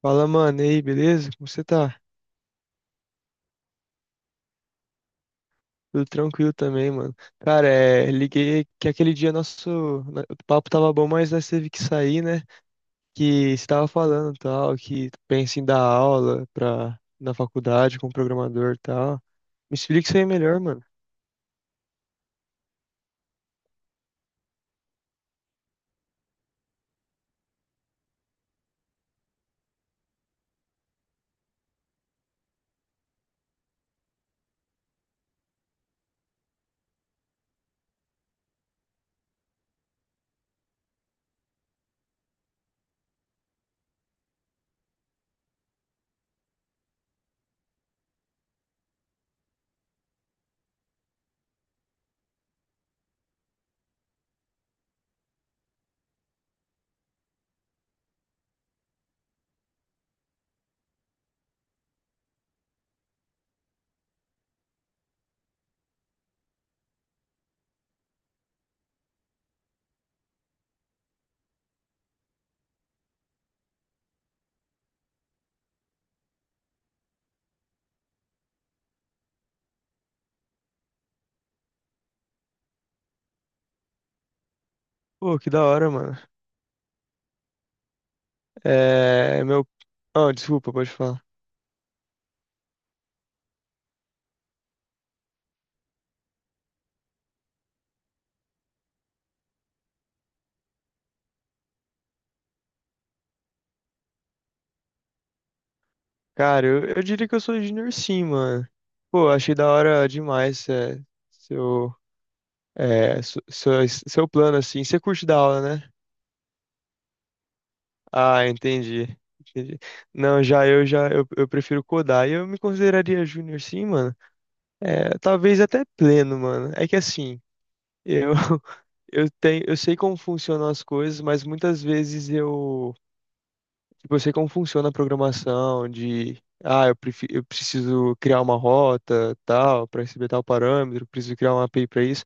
Fala, mano, e aí, beleza? Como você tá? Tudo tranquilo também, mano. Cara, liguei que aquele dia nosso o papo tava bom, mas nós teve que sair, né? Que você tava falando tal, que pensa em dar aula pra, na faculdade com programador e tal. Me explica isso aí melhor, mano. Pô, que da hora, mano. É, meu. Ah, desculpa, pode falar. Cara, eu diria que eu sou junior sim, mano. Pô, achei da hora demais, seu, seu plano, assim. Você curte dar aula, né? Ah, entendi. Entendi. Não, eu prefiro codar. E eu me consideraria júnior sim, mano. É, talvez até pleno, mano. É que assim, eu eu sei como funcionam as coisas, mas muitas vezes eu sei como funciona a programação de eu preciso criar uma rota, tal, para receber tal parâmetro, preciso criar uma API para isso.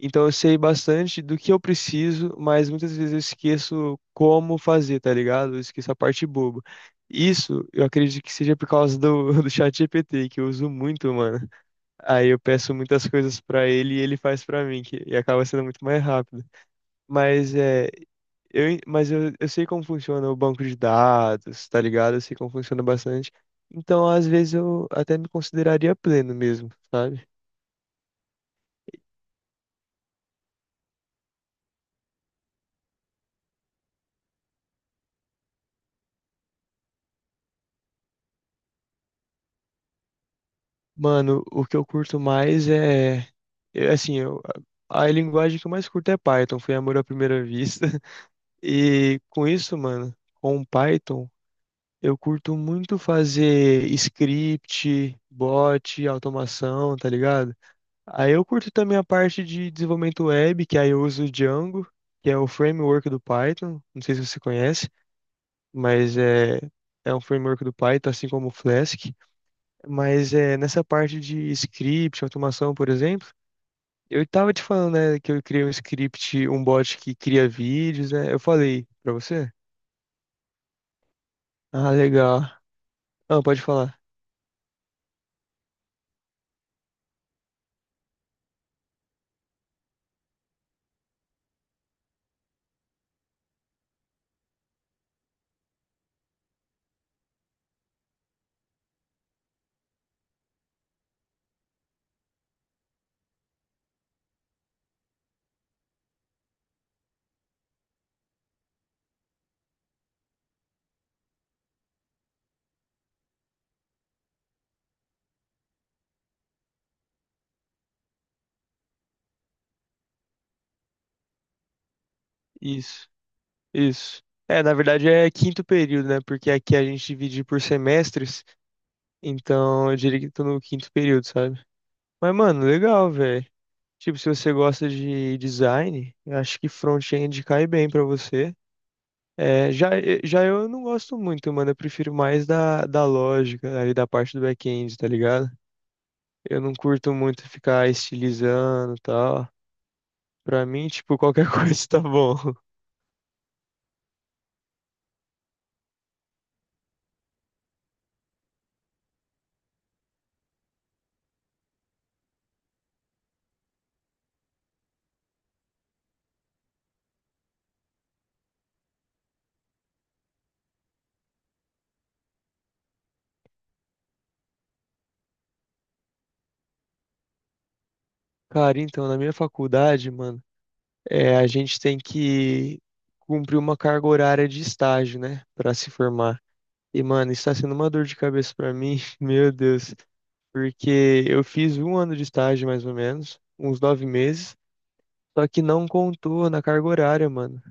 Então eu sei bastante do que eu preciso, mas muitas vezes eu esqueço como fazer, tá ligado? Eu esqueço a parte boba. Isso eu acredito que seja por causa do ChatGPT, que eu uso muito, mano. Aí eu peço muitas coisas pra ele e ele faz pra mim, e acaba sendo muito mais rápido. Mas é, eu sei como funciona o banco de dados, tá ligado? Eu sei como funciona bastante. Então, às vezes, eu até me consideraria pleno mesmo, sabe? Mano, o que eu curto mais é. Eu- Assim, eu, a linguagem que eu mais curto é Python, foi amor à primeira vista. E com isso, mano, com Python, eu curto muito fazer script, bot, automação, tá ligado? Aí eu curto também a parte de desenvolvimento web, que aí eu uso o Django, que é o framework do Python. Não sei se você conhece, mas é um framework do Python, assim como o Flask. Mas é, nessa parte de script, automação, por exemplo, eu estava te falando, né, que eu criei um script, um bot que cria vídeos, né? Eu falei pra você? Ah, legal. Ah, pode falar. Isso, isso. É, na verdade é quinto período, né? Porque aqui a gente divide por semestres, então eu diria que tô no quinto período, sabe? Mas, mano, legal, velho. Tipo, se você gosta de design, eu acho que front-end cai bem pra você. É, já, já eu não gosto muito, mano. Eu prefiro mais da lógica ali da parte do back-end, tá ligado? Eu não curto muito ficar estilizando e tal. Pra mim, tipo, qualquer coisa tá bom. Cara, então, na minha faculdade, mano, é, a gente tem que cumprir uma carga horária de estágio, né? Pra se formar. E, mano, isso tá sendo uma dor de cabeça pra mim, meu Deus. Porque eu fiz um ano de estágio, mais ou menos, uns 9 meses. Só que não contou na carga horária, mano.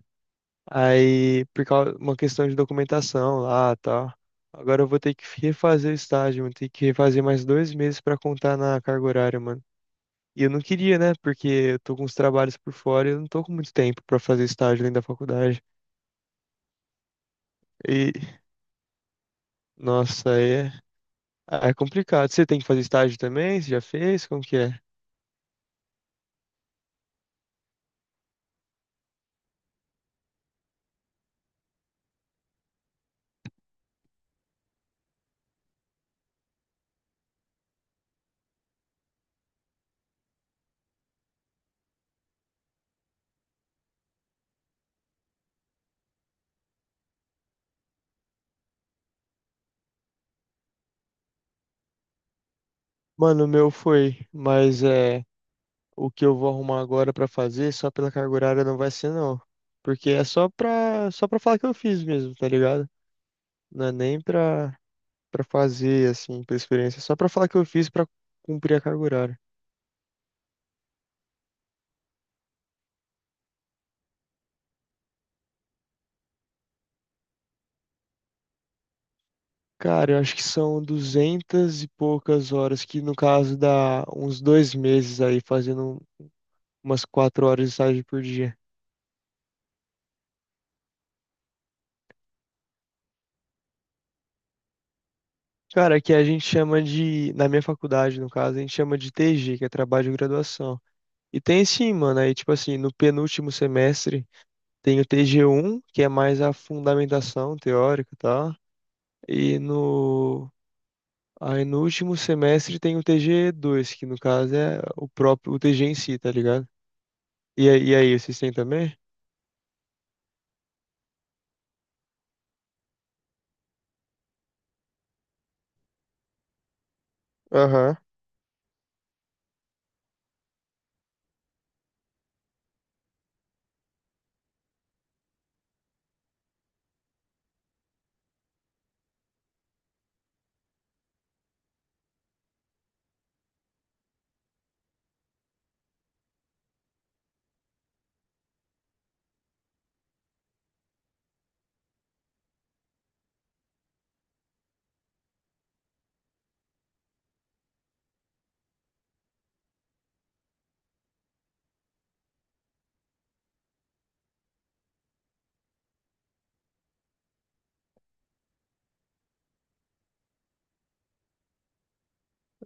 Aí, por causa uma questão de documentação lá, tal. Agora eu vou ter que refazer o estágio, vou ter que refazer mais 2 meses pra contar na carga horária, mano. E eu não queria, né? Porque eu tô com os trabalhos por fora e eu não tô com muito tempo pra fazer estágio além da faculdade. E, nossa, aí é complicado. Você tem que fazer estágio também? Você já fez? Como que é? Mano, o meu foi, mas é o que eu vou arrumar agora pra fazer só pela carga horária não vai ser não, porque é só para falar que eu fiz mesmo, tá ligado? Não é nem pra fazer, assim, pra experiência. Só pra falar que eu fiz pra cumprir a carga horária. Cara, eu acho que são duzentas e poucas horas, que no caso dá uns 2 meses aí, fazendo umas 4 horas de estágio por dia. Cara, que a gente chama de, na minha faculdade, no caso, a gente chama de TG, que é trabalho de graduação. E tem sim, mano, aí tipo assim, no penúltimo semestre tem o TG 1, que é mais a fundamentação teórica, tá. E no Aí no último semestre tem o TG 2, que no caso é o próprio, o TG em si, tá ligado? E aí, vocês têm também? Aham.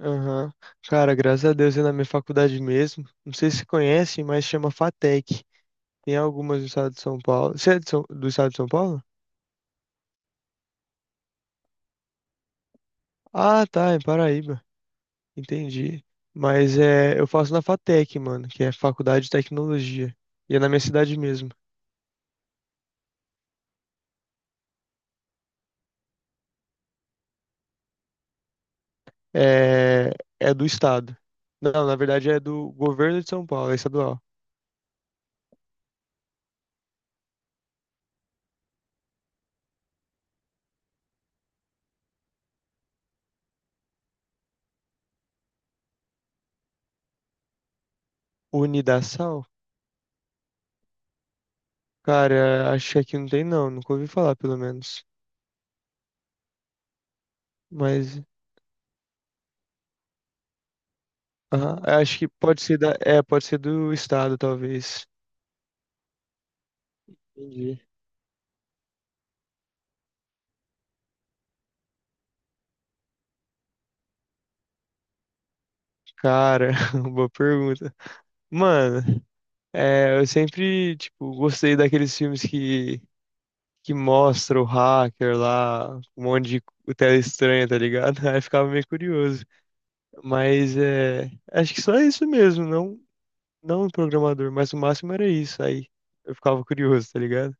Aham. Cara, graças a Deus é na minha faculdade mesmo. Não sei se conhecem, mas chama FATEC. Tem algumas do estado de São Paulo. Você é do estado de São Paulo? Ah, tá, em Paraíba. Entendi. Mas é, eu faço na FATEC, mano, que é Faculdade de Tecnologia. E é na minha cidade mesmo. É, é do estado. Não, na verdade é do governo de São Paulo, é estadual. Unidassal? Cara, acho que aqui não tem não, nunca ouvi falar pelo menos. Mas, aham, acho que pode ser pode ser do estado, talvez. Entendi. Cara, boa pergunta. Mano, é, eu sempre, tipo, gostei daqueles filmes que mostra o hacker lá, um monte de tela estranha, tá ligado? Aí eu ficava meio curioso. Mas, é, acho que só isso mesmo, não, não o programador, mas o máximo era isso. Aí eu ficava curioso, tá ligado?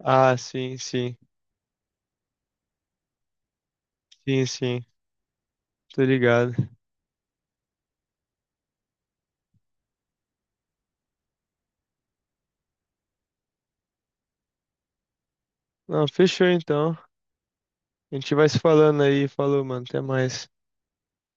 Ah, sim, sim. Sim, sim. Tô ligado. Não, fechou então. A gente vai se falando aí. Falou, mano. Até mais.